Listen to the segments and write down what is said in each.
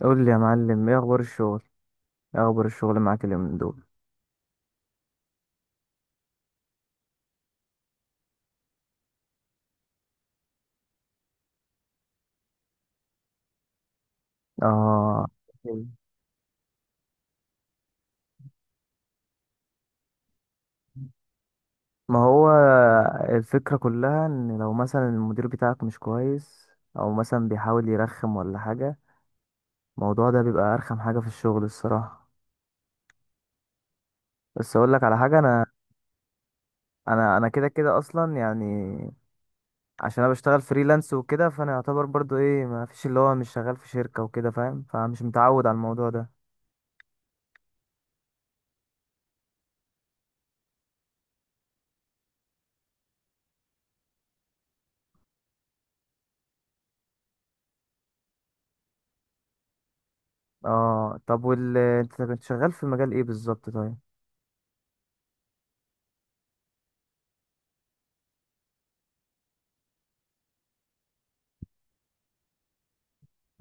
قول لي يا معلم ايه اخبار الشغل؟ ايه اخبار الشغل معاك اليومين دول؟ اه. ما هو الفكرة كلها ان لو مثلا المدير بتاعك مش كويس او مثلا بيحاول يرخم ولا حاجة، الموضوع ده بيبقى ارخم حاجة في الشغل الصراحة. بس اقول لك على حاجة، انا كده كده اصلا يعني. عشان انا بشتغل فريلانس وكده، فانا يعتبر برضو ايه، ما فيش، اللي هو مش شغال في شركة وكده فاهم، فمش متعود على الموضوع ده. اه طب، انت كنت شغال في مجال ايه بالظبط طيب؟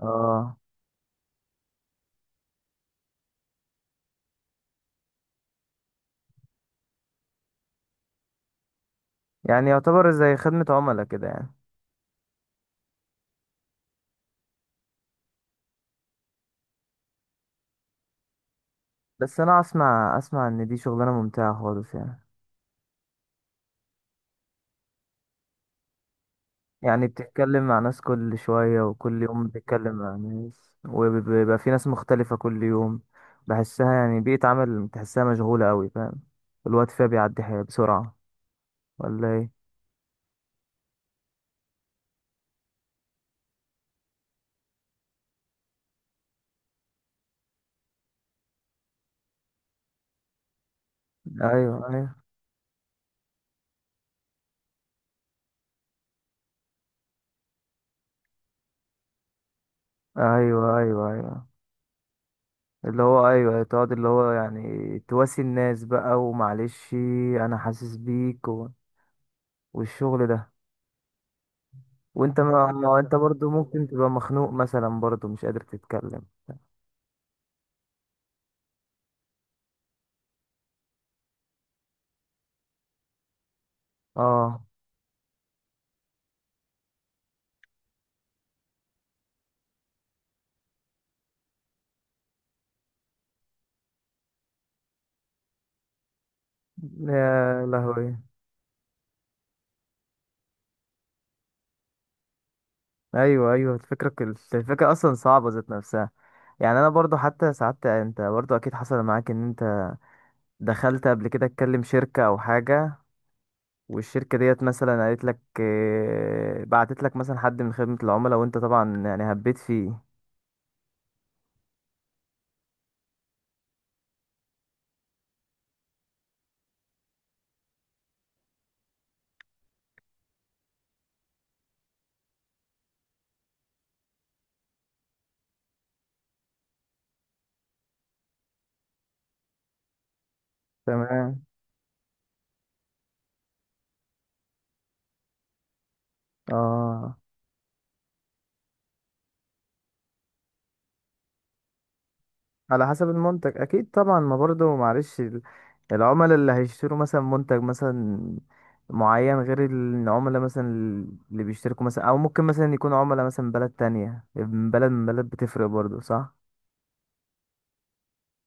اه. يعني يعتبر زي خدمة عملاء كده يعني؟ بس انا اسمع ان دي شغلانة ممتعة خالص يعني. يعني بتتكلم مع ناس كل شوية، وكل يوم بتتكلم مع ناس، وبيبقى في ناس مختلفة كل يوم. بحسها يعني بيئة عمل، تحسها مشغولة قوي فاهم، الوقت فيها بيعدي بسرعة، ولا ايه؟ ايوه، ايوه، ايوه، ايوه، ايوه، اللي هو ايوه، تقعد اللي هو يعني تواسي الناس بقى ومعلش. انا حاسس بيك والشغل ده. وانت ما انت برضو ممكن تبقى مخنوق مثلا، برضو مش قادر تتكلم. اه. يا لهوي. ايوه ايوه، الفكره اصلا صعبه ذات نفسها. يعني انا برضو حتى ساعات، انت برضو اكيد حصل معاك، ان انت دخلت قبل كده تكلم شركه او حاجه، والشركه ديت مثلا قالت لك بعتت لك مثلا حد من خدمه العملاء، وانت طبعا يعني هبيت فيه. تمام. اه. على حسب المنتج اكيد طبعا، ما برضه معلش العملاء اللي هيشتروا مثلا منتج مثلا معين، غير العملاء مثلا اللي بيشتركوا مثلا، او ممكن مثلا يكون عملاء مثلا بلد تانية، من بلد من بلد بتفرق برضه صح.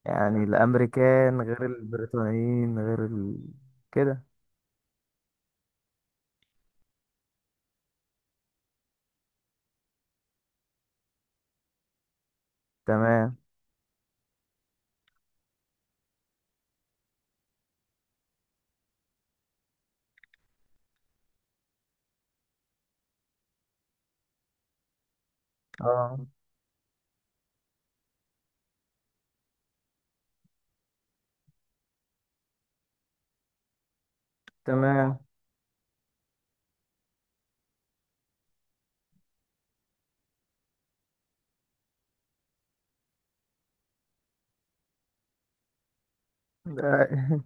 يعني الامريكان غير البريطانيين غير كده. تمام. اه. تمام.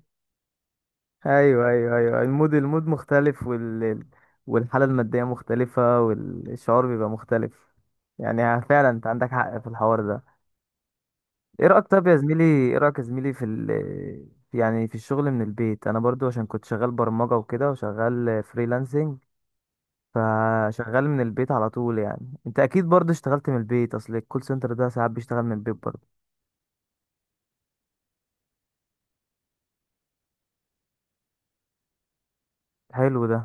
ايوه ايوه ايوه، المود مختلف، والحاله الماديه مختلفه، والشعور بيبقى مختلف. يعني فعلا انت عندك حق في الحوار ده. ايه رايك طب يا زميلي؟ ايه رايك يا زميلي في يعني في الشغل من البيت؟ انا برضو عشان كنت شغال برمجه وكده، وشغال فريلانسنج، فشغال من البيت على طول، يعني انت اكيد برضو اشتغلت من البيت، اصل الكول سنتر ده ساعات بيشتغل من البيت برضو. حلو ده.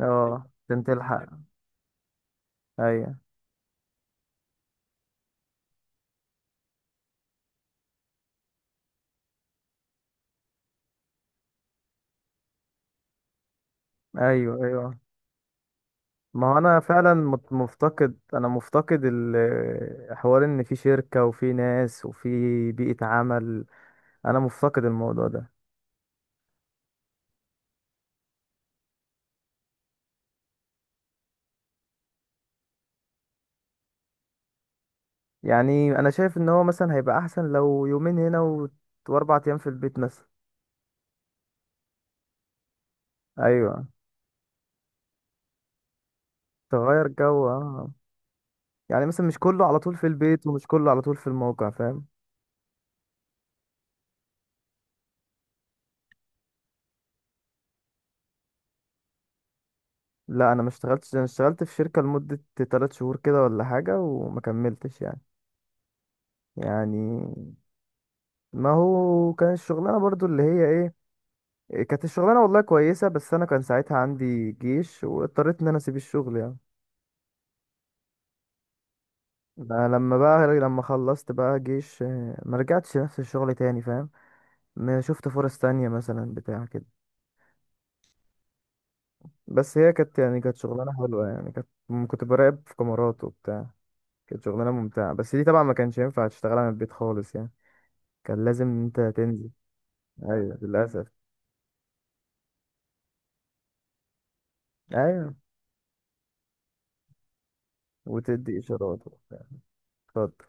اه عشان تلحق. ايوه ايوه ايوه. ما هو انا فعلا مفتقد حوار، ان في شركة وفي ناس وفي بيئة عمل. انا مفتقد الموضوع ده. يعني انا شايف ان هو مثلا هيبقى احسن لو يومين هنا واربع ايام في البيت مثلا. ايوه. تغير جو، اه. يعني مثلا مش كله على طول في البيت، ومش كله على طول في الموقع، فاهم. لا انا ما اشتغلتش، انا اشتغلت في شركة لمدة 3 شهور كده ولا حاجة، وما كملتش يعني. يعني. ما هو كان الشغلانة برضو اللي هي ايه، كانت الشغلانة والله كويسة، بس أنا كان ساعتها عندي جيش، واضطريت إن أنا أسيب الشغل يعني. ده لما بقى، لما خلصت بقى جيش، ما رجعتش نفس الشغل تاني فاهم، ما شفت فرص تانية مثلا بتاع كده. بس هي كانت يعني كانت شغلانة حلوة، يعني كانت كنت براقب في كاميرات وبتاع، كانت شغلانة ممتعة، بس دي طبعا ما كانش ينفع تشتغلها من البيت خالص يعني، كان لازم إن أنت تنزل. أيوة للأسف. أيوة. وتدي إشارات وبتاع. اتفضل.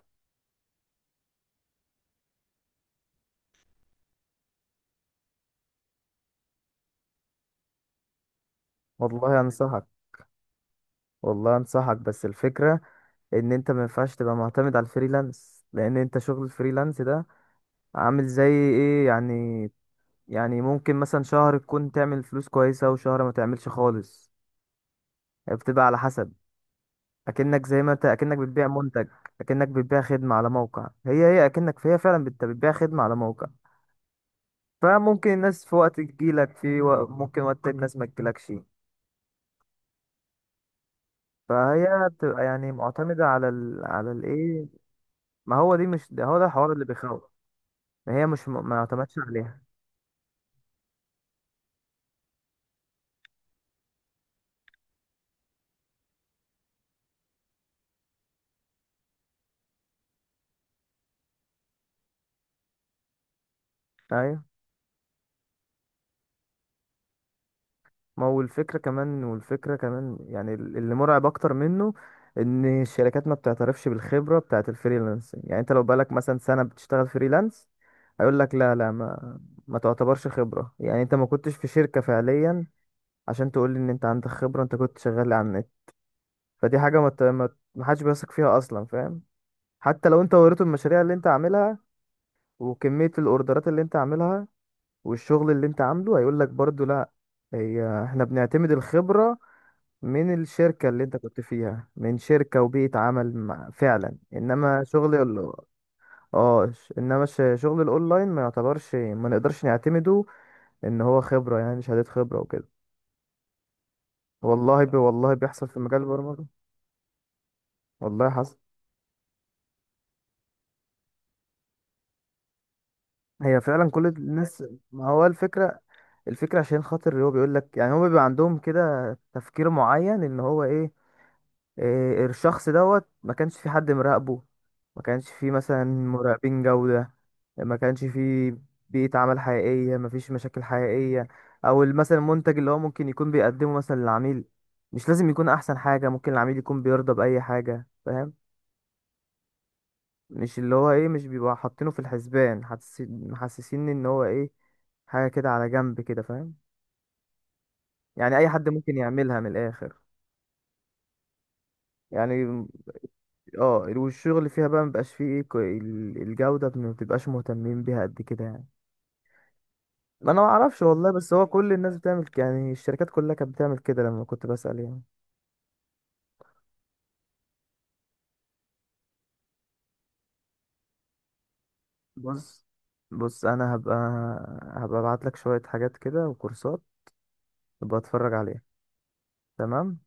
والله أنصحك، والله أنصحك، بس الفكرة ان انت ما ينفعش تبقى معتمد على الفريلانس، لان انت شغل الفريلانس ده عامل زي ايه يعني، يعني ممكن مثلا شهر تكون تعمل فلوس كويسة، وشهر ما تعملش خالص، هي بتبقى على حسب. اكنك زي ما انت اكنك بتبيع منتج، اكنك بتبيع خدمة على موقع، هي فعلا انت بتبيع خدمة على موقع. فممكن الناس في وقت تجيلك ممكن وقت تاني الناس ما تجيلكش، فهي بتبقى يعني معتمدة على على الايه. ما هو دي مش ده، هو ده الحوار اللي بيخوف. ما هي مش ما يعتمدش عليها. ايوه. ما هو الفكرة كمان، والفكرة كمان يعني اللي مرعب أكتر منه، إن الشركات ما بتعترفش بالخبرة بتاعة الفريلانسنج. يعني أنت لو بقالك مثلا سنة بتشتغل فريلانس، هيقول لك لا لا، ما تعتبرش خبرة، يعني أنت ما كنتش في شركة فعليا عشان تقول لي إن أنت عندك خبرة، أنت كنت شغال على النت، فدي حاجة ما ت- ما ما حدش بيثق فيها أصلا فاهم. حتى لو أنت وريته المشاريع اللي أنت عاملها، وكمية الأوردرات اللي أنت عاملها، والشغل اللي أنت عامله، هيقول لك برضه لا، هي احنا بنعتمد الخبرة من الشركة اللي انت كنت فيها، من شركة وبيئة عمل فعلا، انما شغل اه، شغل الاونلاين ما يعتبرش، ما نقدرش نعتمده ان هو خبرة، يعني شهادة خبرة وكده. والله بيحصل في مجال البرمجة، والله حصل. هي فعلا كل الناس. ما هو الفكرة، الفكرة عشان خاطر هو بيقول لك يعني، هو بيبقى عندهم كده تفكير معين ان هو ايه، إيه، الشخص دوت ما كانش في حد مراقبه، ما كانش في مثلا مراقبين جودة، ما كانش في بيئة عمل حقيقية، ما فيش مشاكل حقيقية، او مثلا المنتج اللي هو ممكن يكون بيقدمه مثلا للعميل مش لازم يكون احسن حاجة، ممكن العميل يكون بيرضى بأي حاجة فاهم، مش اللي هو ايه، مش بيبقى حاطينه في الحسبان، محسسين ان هو ايه، حاجة كده على جنب كده فاهم، يعني اي حد ممكن يعملها من الاخر يعني. اه، والشغل فيها بقى مبقاش فيه ايه الجودة ما بتبقاش مهتمين بيها قد كده يعني. ما انا ما اعرفش والله، بس هو كل الناس بتعمل يعني الشركات كلها كانت بتعمل كده لما كنت بسأل يعني. بص بص، انا هبقى ابعت لك شوية حاجات كده وكورسات تبقى اتفرج عليها. تمام.